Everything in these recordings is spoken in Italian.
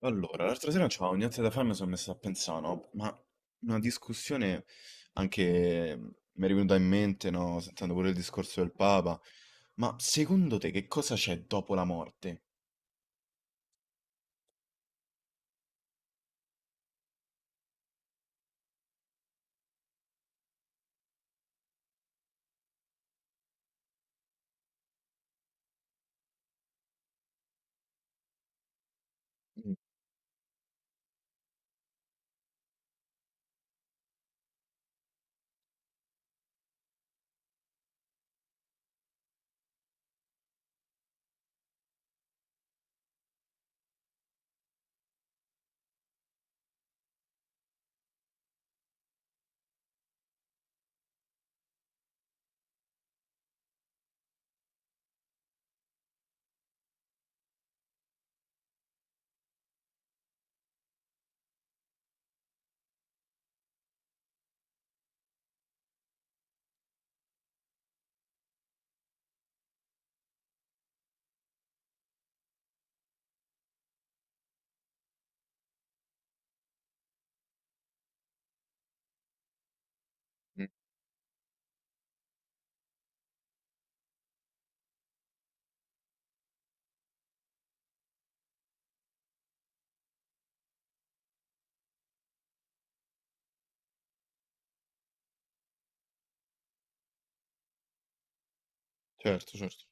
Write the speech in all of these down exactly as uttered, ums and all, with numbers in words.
Allora, l'altra sera non c'avevo niente da fare, mi sono messo a pensare, no? Ma una discussione anche mhmm, mi è venuta in mente, no? Sentendo pure il discorso del Papa. Ma secondo te che cosa c'è dopo la morte? Mm. Certo, certo.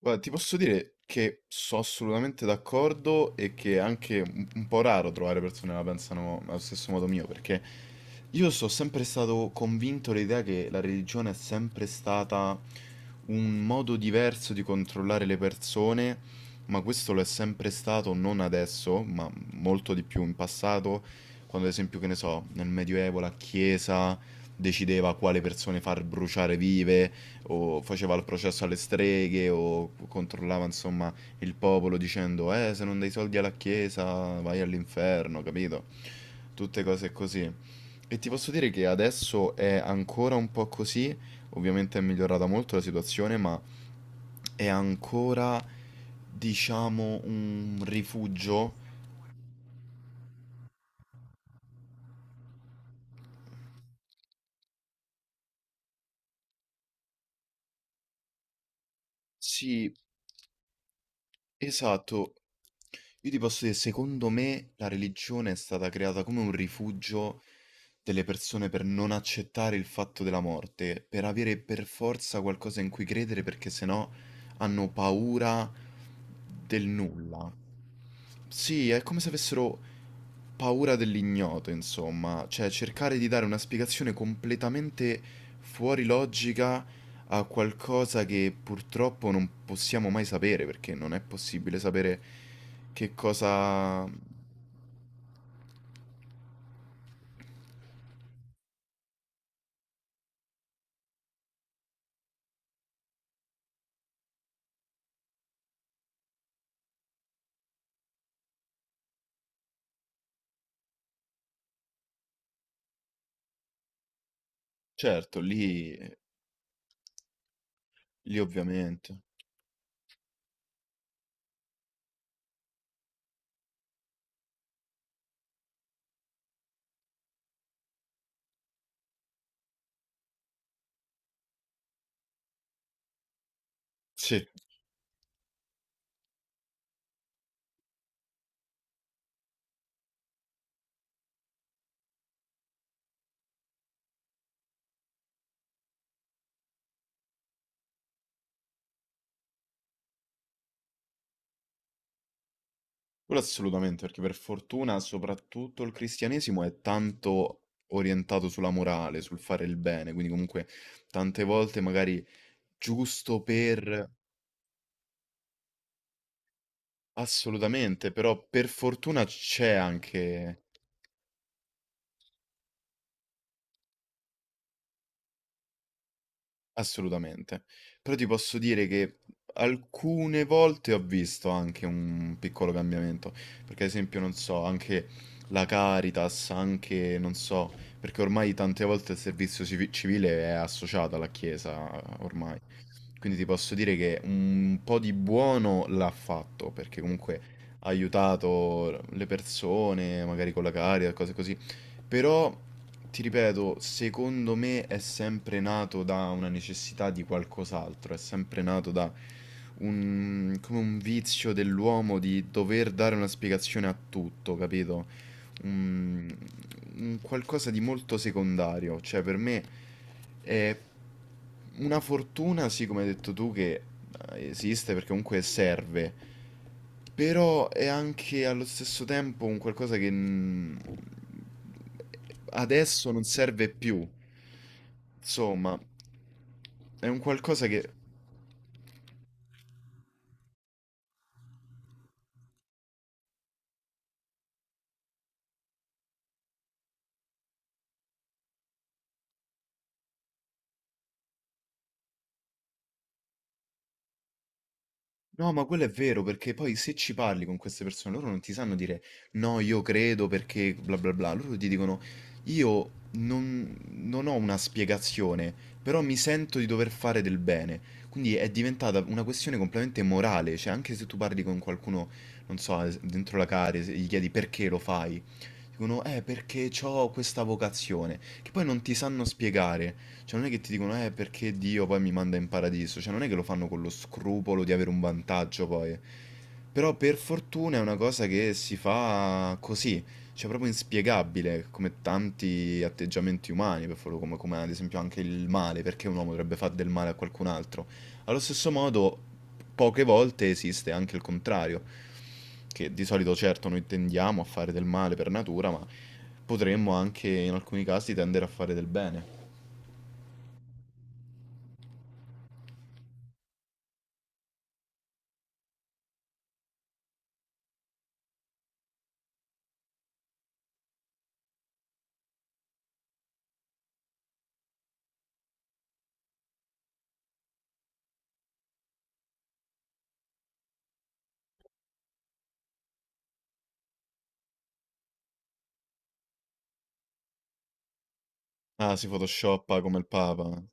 Guarda, ti posso dire che sono assolutamente d'accordo e che è anche un un po' raro trovare persone che la pensano allo stesso modo mio, perché io sono sempre stato convinto l'idea che la religione è sempre stata un modo diverso di controllare le persone, ma questo lo è sempre stato non adesso, ma molto di più in passato, quando ad esempio, che ne so, nel Medioevo la Chiesa decideva quale persone far bruciare vive o faceva il processo alle streghe o controllava insomma il popolo dicendo eh se non dai soldi alla chiesa vai all'inferno, capito? Tutte cose così. E ti posso dire che adesso è ancora un po' così, ovviamente è migliorata molto la situazione, ma è ancora diciamo un rifugio. Sì, esatto. Io ti posso dire, secondo me la religione è stata creata come un rifugio delle persone per non accettare il fatto della morte, per avere per forza qualcosa in cui credere perché sennò hanno paura del nulla. Sì, è come se avessero paura dell'ignoto, insomma, cioè cercare di dare una spiegazione completamente fuori logica a qualcosa che purtroppo non possiamo mai sapere, perché non è possibile sapere che cosa... Certo, lì, lì ovviamente. Sì, quello assolutamente, perché per fortuna soprattutto il cristianesimo è tanto orientato sulla morale, sul fare il bene, quindi comunque tante volte magari giusto per... Assolutamente, però per fortuna c'è anche assolutamente. Però ti posso dire che alcune volte ho visto anche un piccolo cambiamento, perché ad esempio, non so, anche la Caritas, anche, non so, perché ormai tante volte il servizio civi- civile è associato alla Chiesa, ormai. Quindi ti posso dire che un po' di buono l'ha fatto, perché comunque ha aiutato le persone, magari con la Caritas, cose così. Però, ti ripeto, secondo me è sempre nato da una necessità di qualcos'altro, è sempre nato da un, come un vizio dell'uomo di dover dare una spiegazione a tutto, capito? Un, un qualcosa di molto secondario, cioè per me è una fortuna, sì, come hai detto tu, che esiste perché comunque serve. Però è anche allo stesso tempo un qualcosa che mm, adesso non serve più. Insomma, è un qualcosa che no, ma quello è vero, perché poi se ci parli con queste persone, loro non ti sanno dire no, io credo perché bla bla bla, loro ti dicono io non, non ho una spiegazione, però mi sento di dover fare del bene. Quindi è diventata una questione completamente morale, cioè anche se tu parli con qualcuno, non so, es- dentro la care, se gli chiedi perché lo fai, dicono eh perché ho questa vocazione, che poi non ti sanno spiegare, cioè non è che ti dicono eh perché Dio poi mi manda in paradiso, cioè non è che lo fanno con lo scrupolo di avere un vantaggio poi, però per fortuna è una cosa che si fa così, cioè proprio inspiegabile, come tanti atteggiamenti umani, per fortuna, come, come ad esempio anche il male, perché un uomo dovrebbe fare del male a qualcun altro? Allo stesso modo, poche volte esiste anche il contrario, che di solito certo noi tendiamo a fare del male per natura, ma potremmo anche in alcuni casi tendere a fare del bene. Ah, si photoshoppa come il Papa.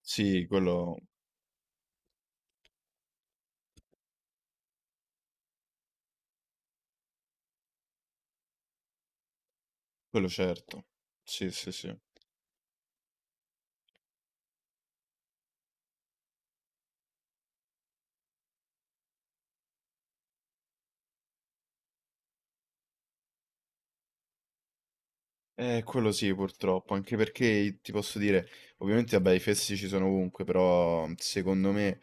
Sì, quello, quello certo. Sì, sì, sì. Eh, quello sì, purtroppo, anche perché ti posso dire, ovviamente, vabbè, i fessi ci sono ovunque, però mhmm, secondo me,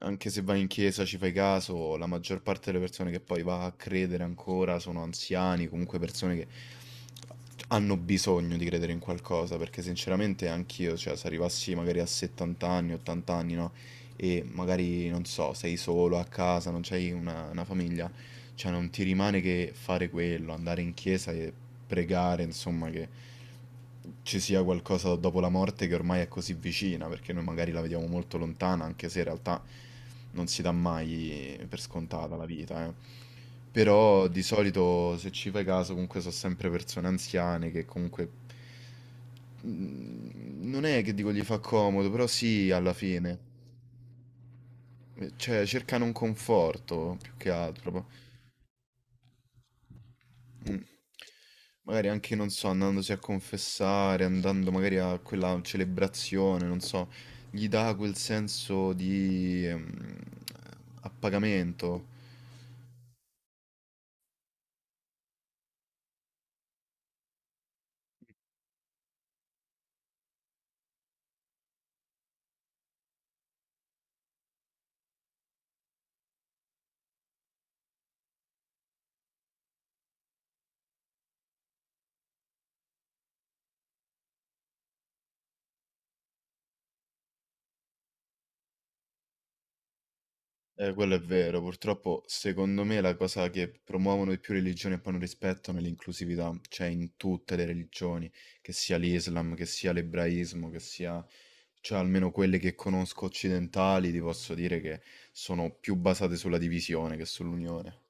anche se vai in chiesa ci fai caso, la maggior parte delle persone che poi va a credere ancora sono anziani, comunque persone che hanno bisogno di credere in qualcosa, perché sinceramente anch'io, cioè, se arrivassi magari a settanta anni, ottanta anni, no? E magari, non so, sei solo a casa, non c'hai una, una famiglia, cioè non ti rimane che fare quello, andare in chiesa e pregare, insomma, che ci sia qualcosa dopo la morte che ormai è così vicina, perché noi magari la vediamo molto lontana, anche se in realtà non si dà mai per scontata la vita, eh. Però di solito, se ci fai caso, comunque sono sempre persone anziane che comunque mm, non è che dico gli fa comodo, però sì, alla fine. Eh, Cioè, cercano un conforto più che altro. Mm. Magari anche, non so, andandosi a confessare, andando magari a quella celebrazione, non so, gli dà quel senso di ehm, appagamento. Eh, quello è vero, purtroppo secondo me la cosa che promuovono di più religioni e poi non rispettano è l'inclusività, cioè in tutte le religioni, che sia l'Islam, che sia l'ebraismo, che sia, cioè almeno quelle che conosco occidentali, ti posso dire che sono più basate sulla divisione che sull'unione.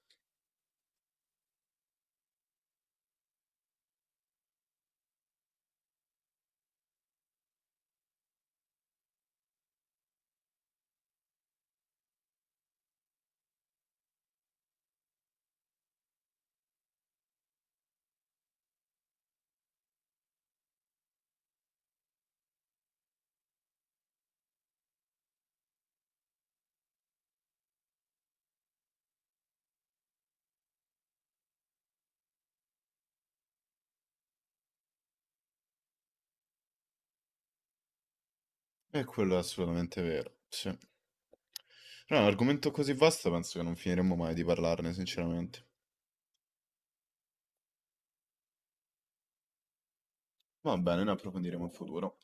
E quello è assolutamente vero, sì. Però è un argomento così vasto penso che non finiremo mai di parlarne, sinceramente. Va bene, ne approfondiremo in futuro.